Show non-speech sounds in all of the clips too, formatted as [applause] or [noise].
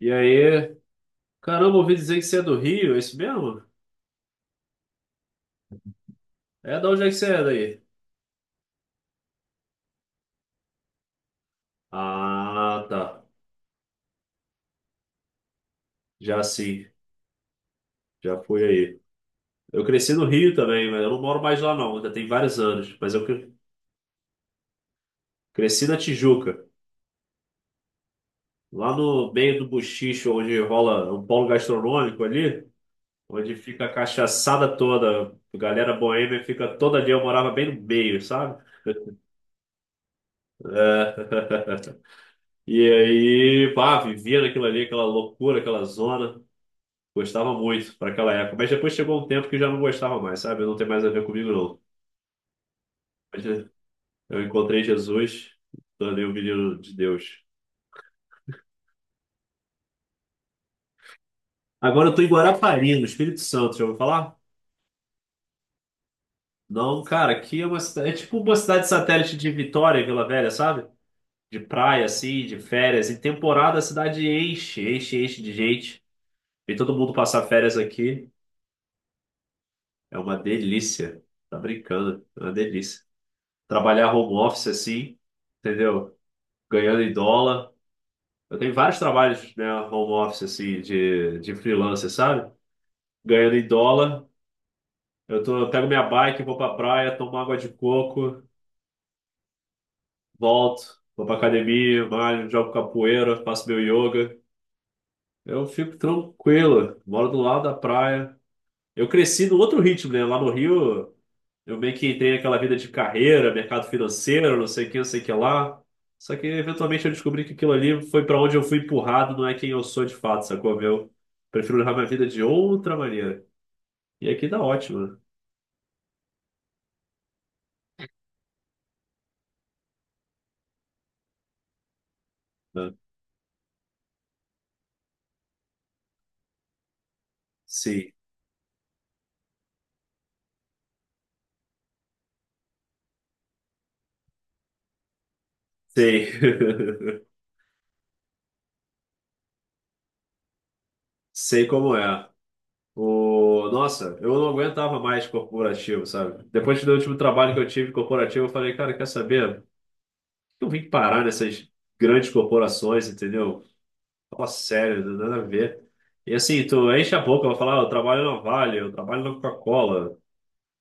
E aí? Caramba, ouvi dizer que você é do Rio, é isso mesmo? É da onde é que você é daí? Ah, tá. Já sim, já fui aí. Eu cresci no Rio também, mas eu não moro mais lá não, ainda tem vários anos. Mas cresci na Tijuca, lá no meio do Buchicho, onde rola um polo gastronômico ali, onde fica a cachaçada toda, a galera boêmia fica toda ali, eu morava bem no meio, sabe? [laughs] É. [laughs] E aí, pá, vivia naquilo ali, aquela loucura, aquela zona. Gostava muito para aquela época, mas depois chegou um tempo que eu já não gostava mais, sabe? Não tem mais a ver comigo, não. Mas eu encontrei Jesus, tornei o menino de Deus. Agora eu tô em Guarapari, no Espírito Santo, já ouviu falar? Não, cara, aqui é uma cidade, é tipo uma cidade satélite de Vitória, Vila Velha, sabe? De praia, assim, de férias. Em temporada a cidade enche, enche, enche de gente. E todo mundo passar férias aqui. É uma delícia. Tá brincando, é uma delícia. Trabalhar home office, assim, entendeu? Ganhando em dólar. Eu tenho vários trabalhos, né, home office, assim, de freelancer, sabe? Ganhando em dólar. Eu tô, eu pego minha bike, vou pra praia, tomo água de coco, volto, vou pra academia, malho, jogo capoeira, faço meu yoga. Eu fico tranquilo, moro do lado da praia. Eu cresci no outro ritmo, né? Lá no Rio, eu meio que entrei naquela vida de carreira, mercado financeiro, não sei o que, não sei o que lá. Só que eventualmente eu descobri que aquilo ali foi para onde eu fui empurrado, não é quem eu sou de fato, sacou? Eu prefiro levar minha vida de outra maneira. E aqui dá ótimo, né? Sim, sei. [laughs] Sei como é. Nossa, eu não aguentava mais corporativo, sabe? Depois do último trabalho que eu tive corporativo, eu falei, cara, quer saber? Eu vim parar nessas grandes corporações, entendeu? Nossa, sério, não tem nada a ver. E assim, tu enche a boca, vai falar, "Ah, eu trabalho na Vale, eu trabalho na Coca-Cola,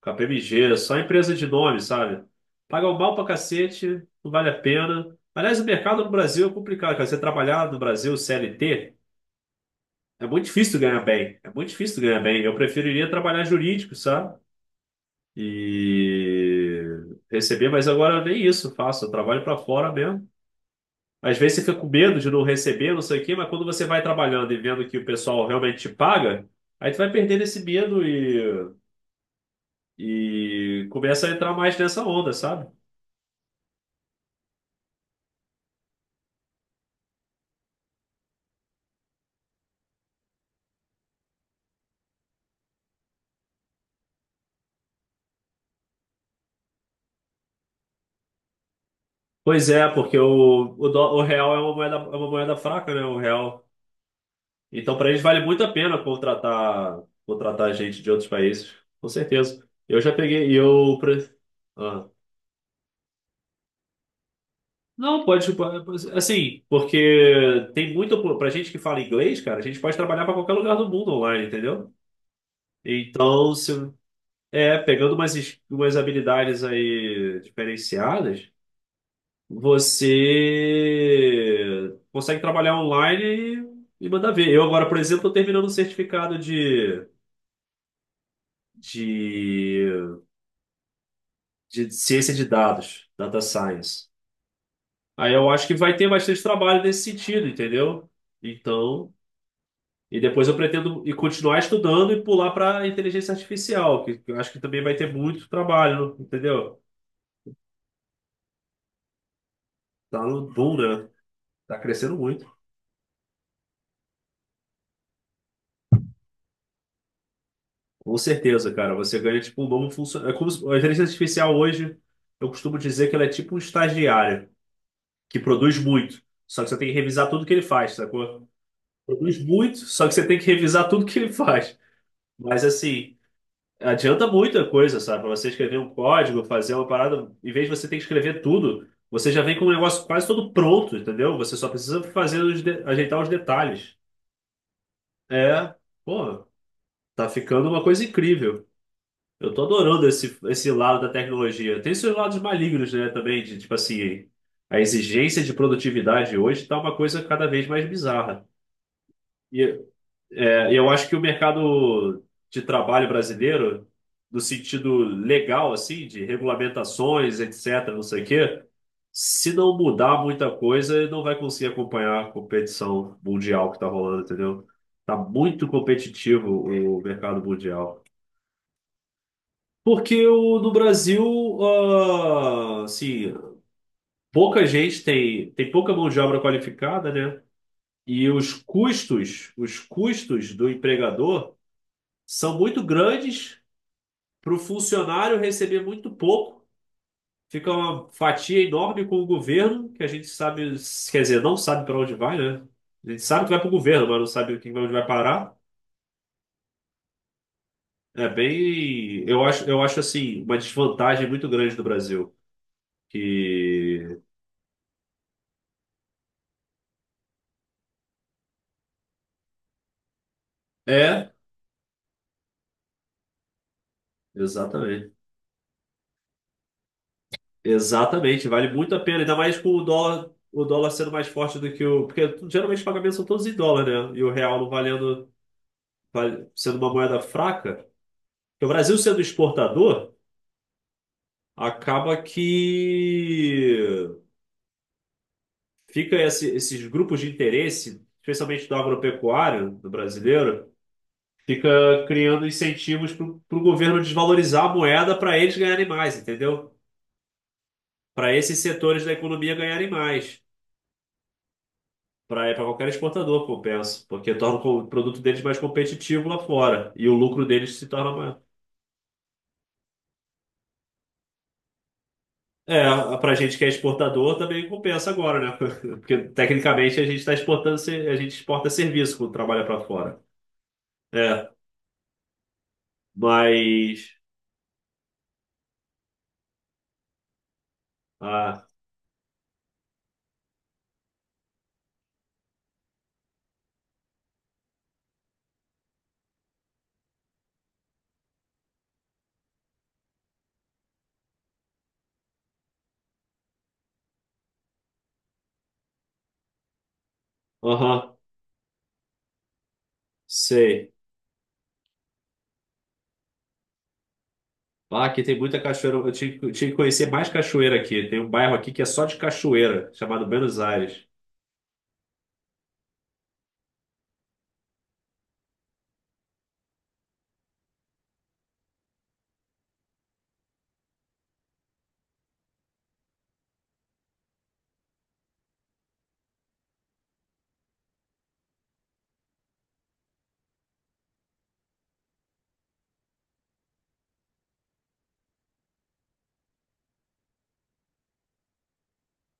KPMG, só empresa de nome, sabe?" Paga um mal pra cacete, não vale a pena. Aliás, o mercado no Brasil é complicado, cara. Você trabalhar no Brasil CLT é muito difícil ganhar bem. É muito difícil ganhar bem. Eu preferiria trabalhar jurídico, sabe? E receber, mas agora nem isso eu faço. Eu trabalho pra fora mesmo. Às vezes você fica com medo de não receber, não sei o quê, mas quando você vai trabalhando e vendo que o pessoal realmente te paga, aí tu vai perdendo esse medo e começa a entrar mais nessa onda, sabe? Pois é, porque o real é uma moeda fraca, né? O real. Então, para eles vale muito a pena contratar, contratar gente de outros países, com certeza. Eu já peguei, Ah. Não, pode, assim, porque tem muito, pra gente que fala inglês, cara, a gente pode trabalhar para qualquer lugar do mundo online, entendeu? Então, se, é, pegando umas, umas habilidades aí diferenciadas, você consegue trabalhar online e mandar ver. Eu agora, por exemplo, estou terminando um certificado de, de ciência de dados, data science. Aí eu acho que vai ter bastante trabalho nesse sentido, entendeu? Então, e depois eu pretendo e continuar estudando e pular para inteligência artificial, que eu acho que também vai ter muito trabalho, entendeu? Tá no boom, né? Tá crescendo muito. Com certeza, cara. Você ganha tipo um novo funcionário. É como se- a inteligência artificial hoje, eu costumo dizer que ela é tipo um estagiário que produz muito. Só que você tem que revisar tudo que ele faz, sacou? Produz muito, só que você tem que revisar tudo que ele faz. Mas assim, adianta muita coisa, sabe? Pra você escrever um código, fazer uma parada, em vez de você ter que escrever tudo, você já vem com o negócio quase todo pronto, entendeu? Você só precisa fazer os ajeitar os detalhes. É, pô, tá ficando uma coisa incrível. Eu tô adorando esse, lado da tecnologia. Tem seus lados malignos, né, também, de tipo assim, a exigência de produtividade hoje tá uma coisa cada vez mais bizarra. E é, eu acho que o mercado de trabalho brasileiro, no sentido legal, assim, de regulamentações, etc., não sei o quê, se não mudar muita coisa, ele não vai conseguir acompanhar a competição mundial que tá rolando, entendeu? Tá muito competitivo o mercado mundial. Porque o, no Brasil, ah, assim, pouca gente tem pouca mão de obra qualificada, né? E os custos do empregador são muito grandes para o funcionário receber muito pouco. Fica uma fatia enorme com o governo, que a gente sabe, quer dizer, não sabe para onde vai, né? A gente sabe que vai para o governo, mas não sabe onde vai parar. É bem, eu acho assim, uma desvantagem muito grande do Brasil, que é. Exatamente. Exatamente. Vale muito a pena, ainda mais com o dólar sendo mais forte do que o. Porque geralmente os pagamentos são todos em dólar, né? E o real não valendo, sendo uma moeda fraca. Porque o Brasil sendo exportador, acaba que fica esses grupos de interesse, especialmente do agropecuário, do brasileiro, fica criando incentivos para o governo desvalorizar a moeda para eles ganharem mais, entendeu? Para esses setores da economia ganharem mais. Para qualquer exportador, compensa, porque torna o produto deles mais competitivo lá fora e o lucro deles se torna maior. É, para gente que é exportador também compensa agora, né? [laughs] Porque tecnicamente a gente está exportando, a gente exporta serviço quando trabalha para fora. É, mas. Ah, aham, sei. Ah, aqui tem muita cachoeira. Eu tinha, eu tinha que conhecer mais cachoeira aqui. Tem um bairro aqui que é só de cachoeira, chamado Buenos Aires.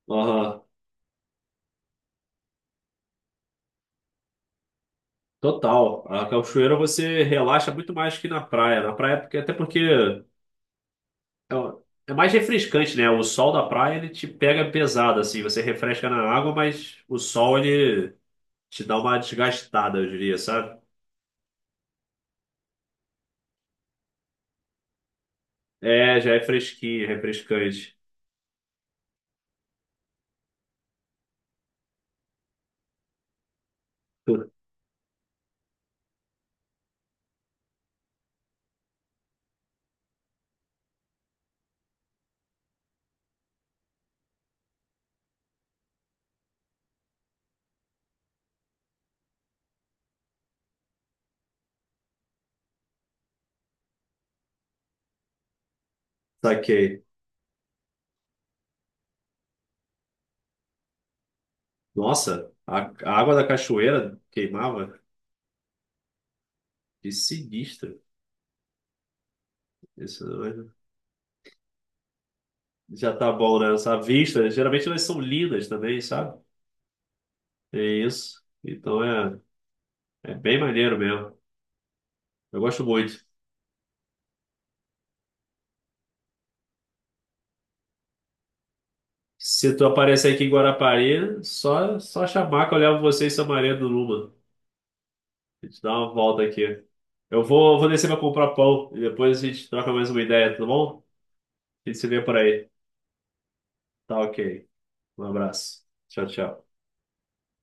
Aham. Total. A cachoeira você relaxa muito mais que na praia. Na praia, porque, até porque é, é mais refrescante, né? O sol da praia ele te pega pesado, assim. Você refresca na água, mas o sol ele te dá uma desgastada, eu diria, sabe? É, já é fresquinho, refrescante. [laughs] Saquei. Nossa, a água da cachoeira queimava. Que sinistro. Isso já tá bom, né? Essa vista, geralmente elas são lindas também, sabe? É isso. Então é. É bem maneiro mesmo. Eu gosto muito. Se tu aparecer aqui em Guarapari, só chamar que eu levo você e sua Maria do Luma. A gente dá uma volta aqui. Eu vou descer pra comprar pão e depois a gente troca mais uma ideia, tá bom? A gente se vê por aí. Tá ok. Um abraço. Tchau, tchau.